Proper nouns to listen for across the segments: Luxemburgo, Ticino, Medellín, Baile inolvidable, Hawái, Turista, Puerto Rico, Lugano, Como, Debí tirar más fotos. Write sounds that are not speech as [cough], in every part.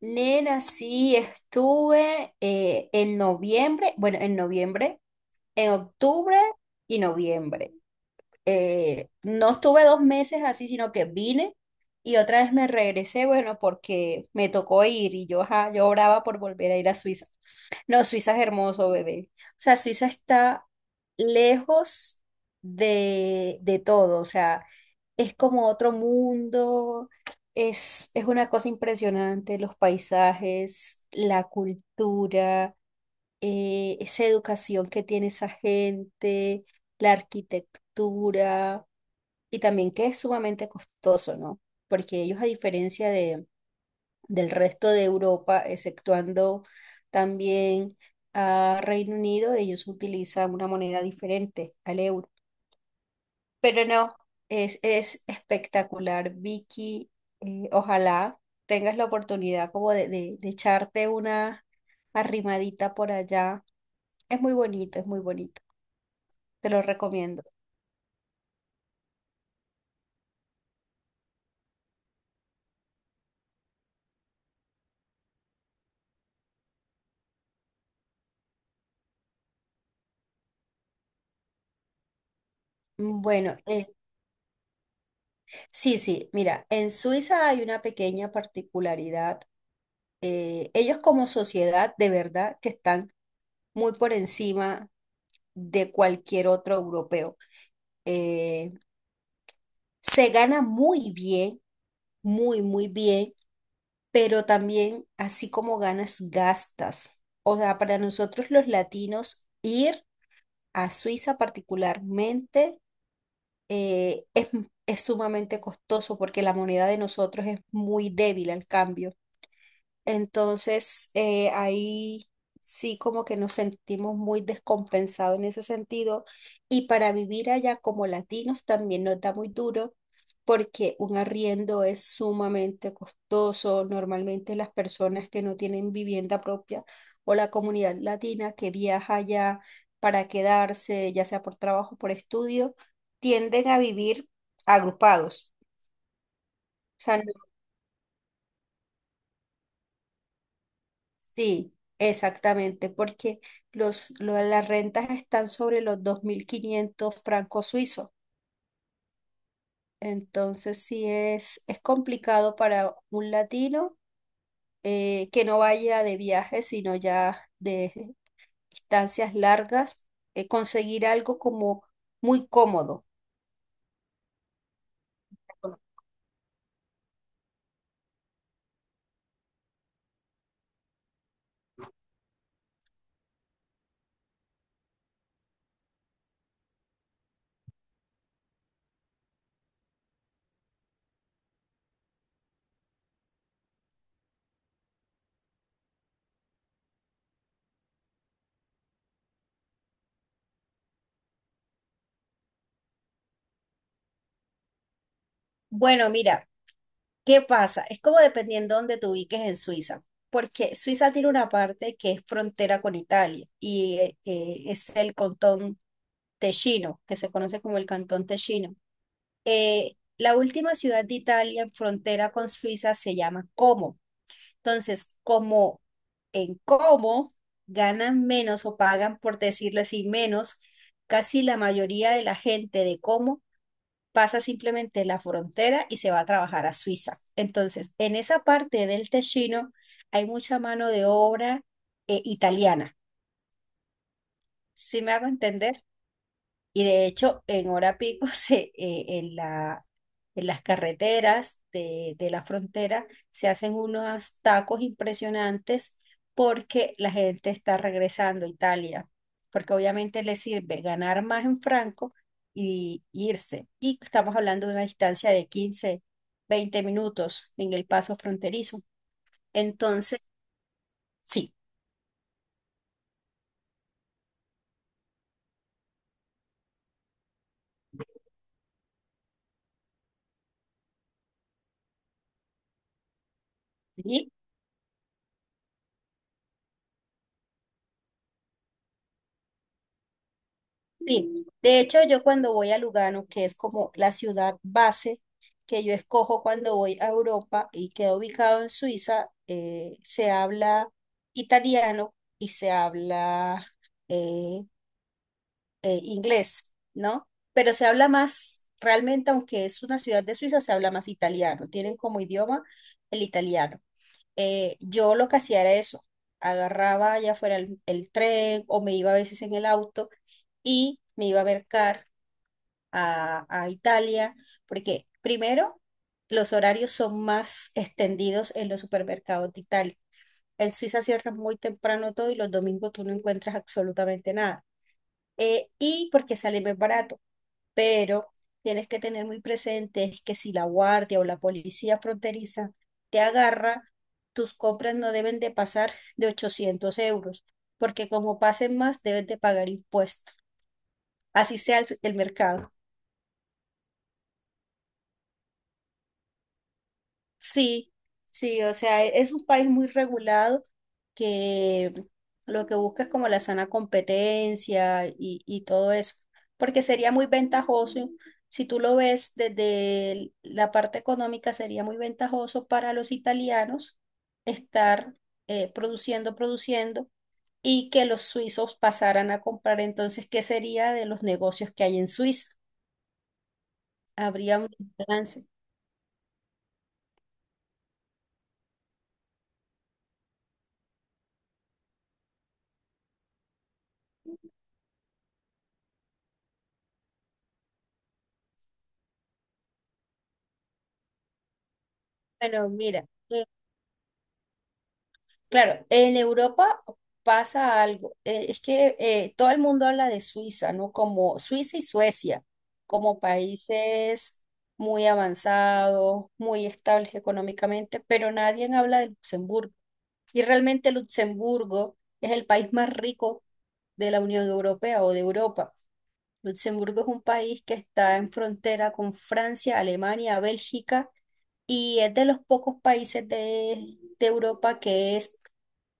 Nena, sí, estuve en noviembre, bueno, en noviembre, en octubre y noviembre no estuve 2 meses así, sino que vine y otra vez me regresé, bueno, porque me tocó ir y yo, ajá, yo oraba por volver a ir a Suiza. No, Suiza es hermoso, bebé. O sea, Suiza está lejos de todo. O sea, es como otro mundo, es una cosa impresionante: los paisajes, la cultura, esa educación que tiene esa gente, la arquitectura, y también que es sumamente costoso, ¿no? Porque ellos, a diferencia del resto de Europa, exceptuando también a Reino Unido, ellos utilizan una moneda diferente al euro. Pero no, es espectacular, Vicky. Ojalá tengas la oportunidad como de, de echarte una arrimadita por allá. Es muy bonito, es muy bonito. Te lo recomiendo. Bueno, sí, sí, mira, en Suiza hay una pequeña particularidad. Ellos como sociedad, de verdad, que están muy por encima de cualquier otro europeo. Eh, se gana muy bien, muy, muy bien, pero también así como ganas, gastas. O sea, para nosotros los latinos, ir a Suiza particularmente eh, es, es sumamente costoso porque la moneda de nosotros es muy débil al cambio. Entonces, ahí sí como que nos sentimos muy descompensados en ese sentido. Y para vivir allá como latinos también nos da muy duro porque un arriendo es sumamente costoso. Normalmente las personas que no tienen vivienda propia, o la comunidad latina que viaja allá para quedarse, ya sea por trabajo o por estudio, tienden a vivir agrupados. Sí, exactamente, porque las rentas están sobre los 2500 francos suizos. Entonces, sí es complicado para un latino que no vaya de viaje, sino ya de distancias largas, conseguir algo como muy cómodo. Bueno, mira, ¿qué pasa? Es como dependiendo dónde te ubiques en Suiza, porque Suiza tiene una parte que es frontera con Italia y es el cantón Ticino, que se conoce como el Cantón Ticino. La última ciudad de Italia en frontera con Suiza se llama Como. Entonces, como en Como ganan menos o pagan, por decirlo así, menos, casi la mayoría de la gente de Como pasa simplemente la frontera y se va a trabajar a Suiza. Entonces, en esa parte del Ticino hay mucha mano de obra italiana. ¿Sí me hago entender? Y de hecho, en hora pico, [laughs] en las carreteras de la frontera se hacen unos tacos impresionantes porque la gente está regresando a Italia, porque obviamente les sirve ganar más en franco y irse. Y estamos hablando de una distancia de 15-20 minutos en el paso fronterizo. Entonces, sí. Sí, de hecho yo cuando voy a Lugano, que es como la ciudad base que yo escojo cuando voy a Europa y queda ubicado en Suiza, se habla italiano y se habla eh, inglés, ¿no? Pero se habla más, realmente, aunque es una ciudad de Suiza, se habla más italiano; tienen como idioma el italiano. Yo lo que hacía era eso: agarraba ya fuera el tren o me iba a veces en el auto, y me iba a ver a Italia, porque primero los horarios son más extendidos en los supermercados de Italia. En Suiza cierran muy temprano todo y los domingos tú no encuentras absolutamente nada. Y porque sale más barato, pero tienes que tener muy presente que si la guardia o la policía fronteriza te agarra, tus compras no deben de pasar de 800 euros, porque como pasen más, debes de pagar impuestos. Así sea el mercado. Sí, sí, o sea, es un país muy regulado, que lo que busca es como la sana competencia y todo eso, porque sería muy ventajoso, si tú lo ves desde la parte económica, sería muy ventajoso para los italianos estar produciendo, produciendo, y que los suizos pasaran a comprar. Entonces, ¿qué sería de los negocios que hay en Suiza? Habría un balance. Bueno, mira. Claro, en Europa pasa algo. Es que todo el mundo habla de Suiza, ¿no? Como Suiza y Suecia, como países muy avanzados, muy estables económicamente, pero nadie habla de Luxemburgo. Y realmente Luxemburgo es el país más rico de la Unión Europea o de Europa. Luxemburgo es un país que está en frontera con Francia, Alemania, Bélgica, y es de los pocos países de Europa que es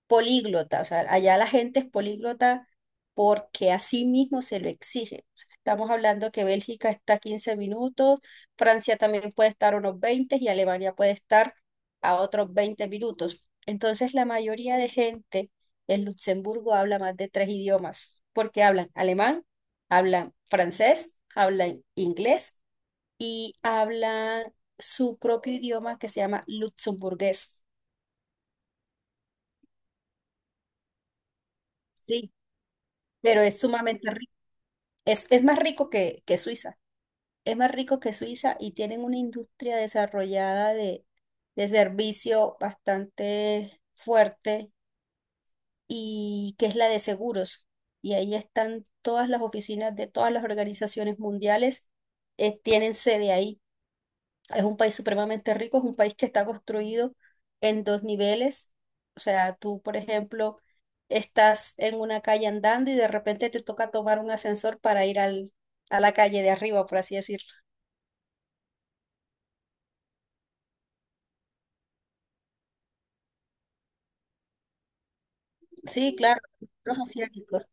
políglota. O sea, allá la gente es políglota porque a sí mismo se lo exige. O sea, estamos hablando que Bélgica está 15 minutos, Francia también puede estar unos 20 y Alemania puede estar a otros 20 minutos. Entonces, la mayoría de gente en Luxemburgo habla más de tres idiomas, porque hablan alemán, hablan francés, hablan inglés y hablan su propio idioma, que se llama luxemburgués. Sí, pero es sumamente... es más rico que Suiza, es más rico que Suiza, y tienen una industria desarrollada de servicio bastante fuerte, y que es la de seguros. Y ahí están todas las oficinas de todas las organizaciones mundiales, tienen sede ahí. Es un país supremamente rico, es un país que está construido en dos niveles. O sea, tú, por ejemplo, estás en una calle andando y de repente te toca tomar un ascensor para ir a la calle de arriba, por así decirlo. Sí, claro, los asiáticos.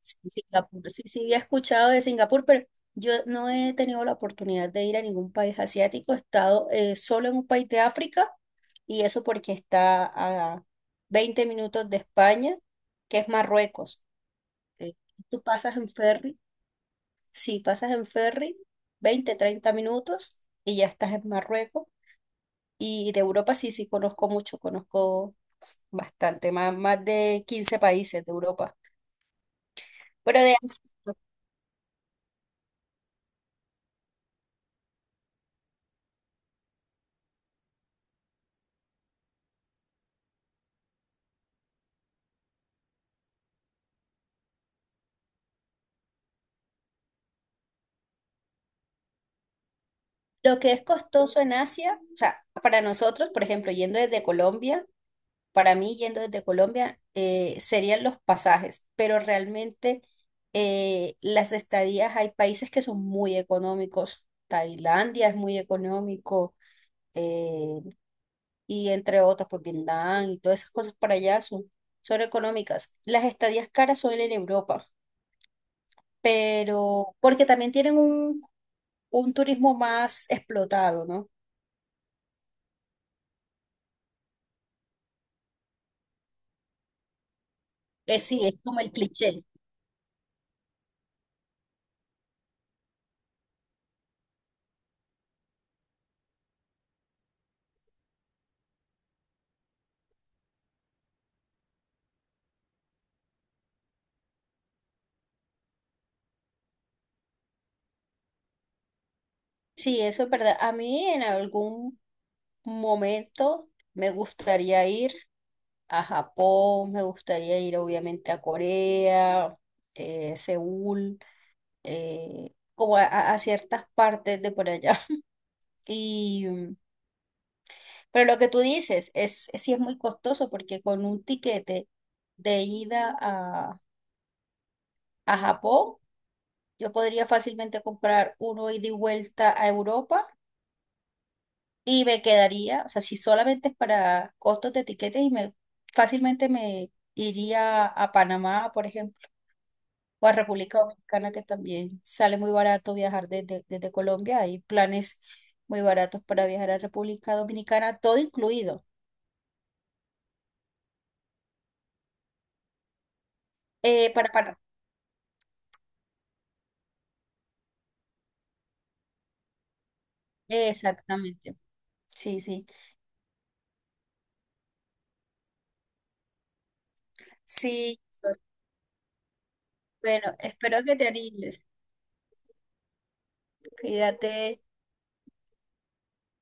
Sí, sí, Singapur. Sí, sí, he escuchado de Singapur, pero yo no he tenido la oportunidad de ir a ningún país asiático. He estado solo en un país de África, y eso porque está a 20 minutos de España, que es Marruecos. Eh, Tú pasas en ferry, sí pasas en ferry, 20-30 minutos y ya estás en Marruecos. Y de Europa sí, sí conozco mucho, conozco bastante, más, más de 15 países de Europa. Pero de Asia, lo que es costoso en Asia, o sea, para nosotros, por ejemplo, yendo desde Colombia, para mí yendo desde Colombia, serían los pasajes, pero realmente las estadías, hay países que son muy económicos. Tailandia es muy económico, eh, y entre otras, pues Vietnam y todas esas cosas para allá son, son económicas. Las estadías caras son en Europa, pero porque también tienen un turismo más explotado, ¿no? Que sí, es como el cliché. Sí, eso es verdad. A mí en algún momento me gustaría ir a Japón, me gustaría ir obviamente a Corea, Seúl, como a ciertas partes de por allá. [laughs] Y mm, Pero lo que tú dices, es sí, es muy costoso, porque con un tiquete de ida a Japón, yo podría fácilmente comprar uno ida y vuelta a Europa y me quedaría. O sea, si solamente es para costos de tiquetes, y me fácilmente me iría a Panamá, por ejemplo, o a República Dominicana, que también sale muy barato viajar desde Colombia. Hay planes muy baratos para viajar a República Dominicana, todo incluido. Para Panamá. Exactamente. Sí, sí. Sí, bueno, espero que te animes. Cuídate.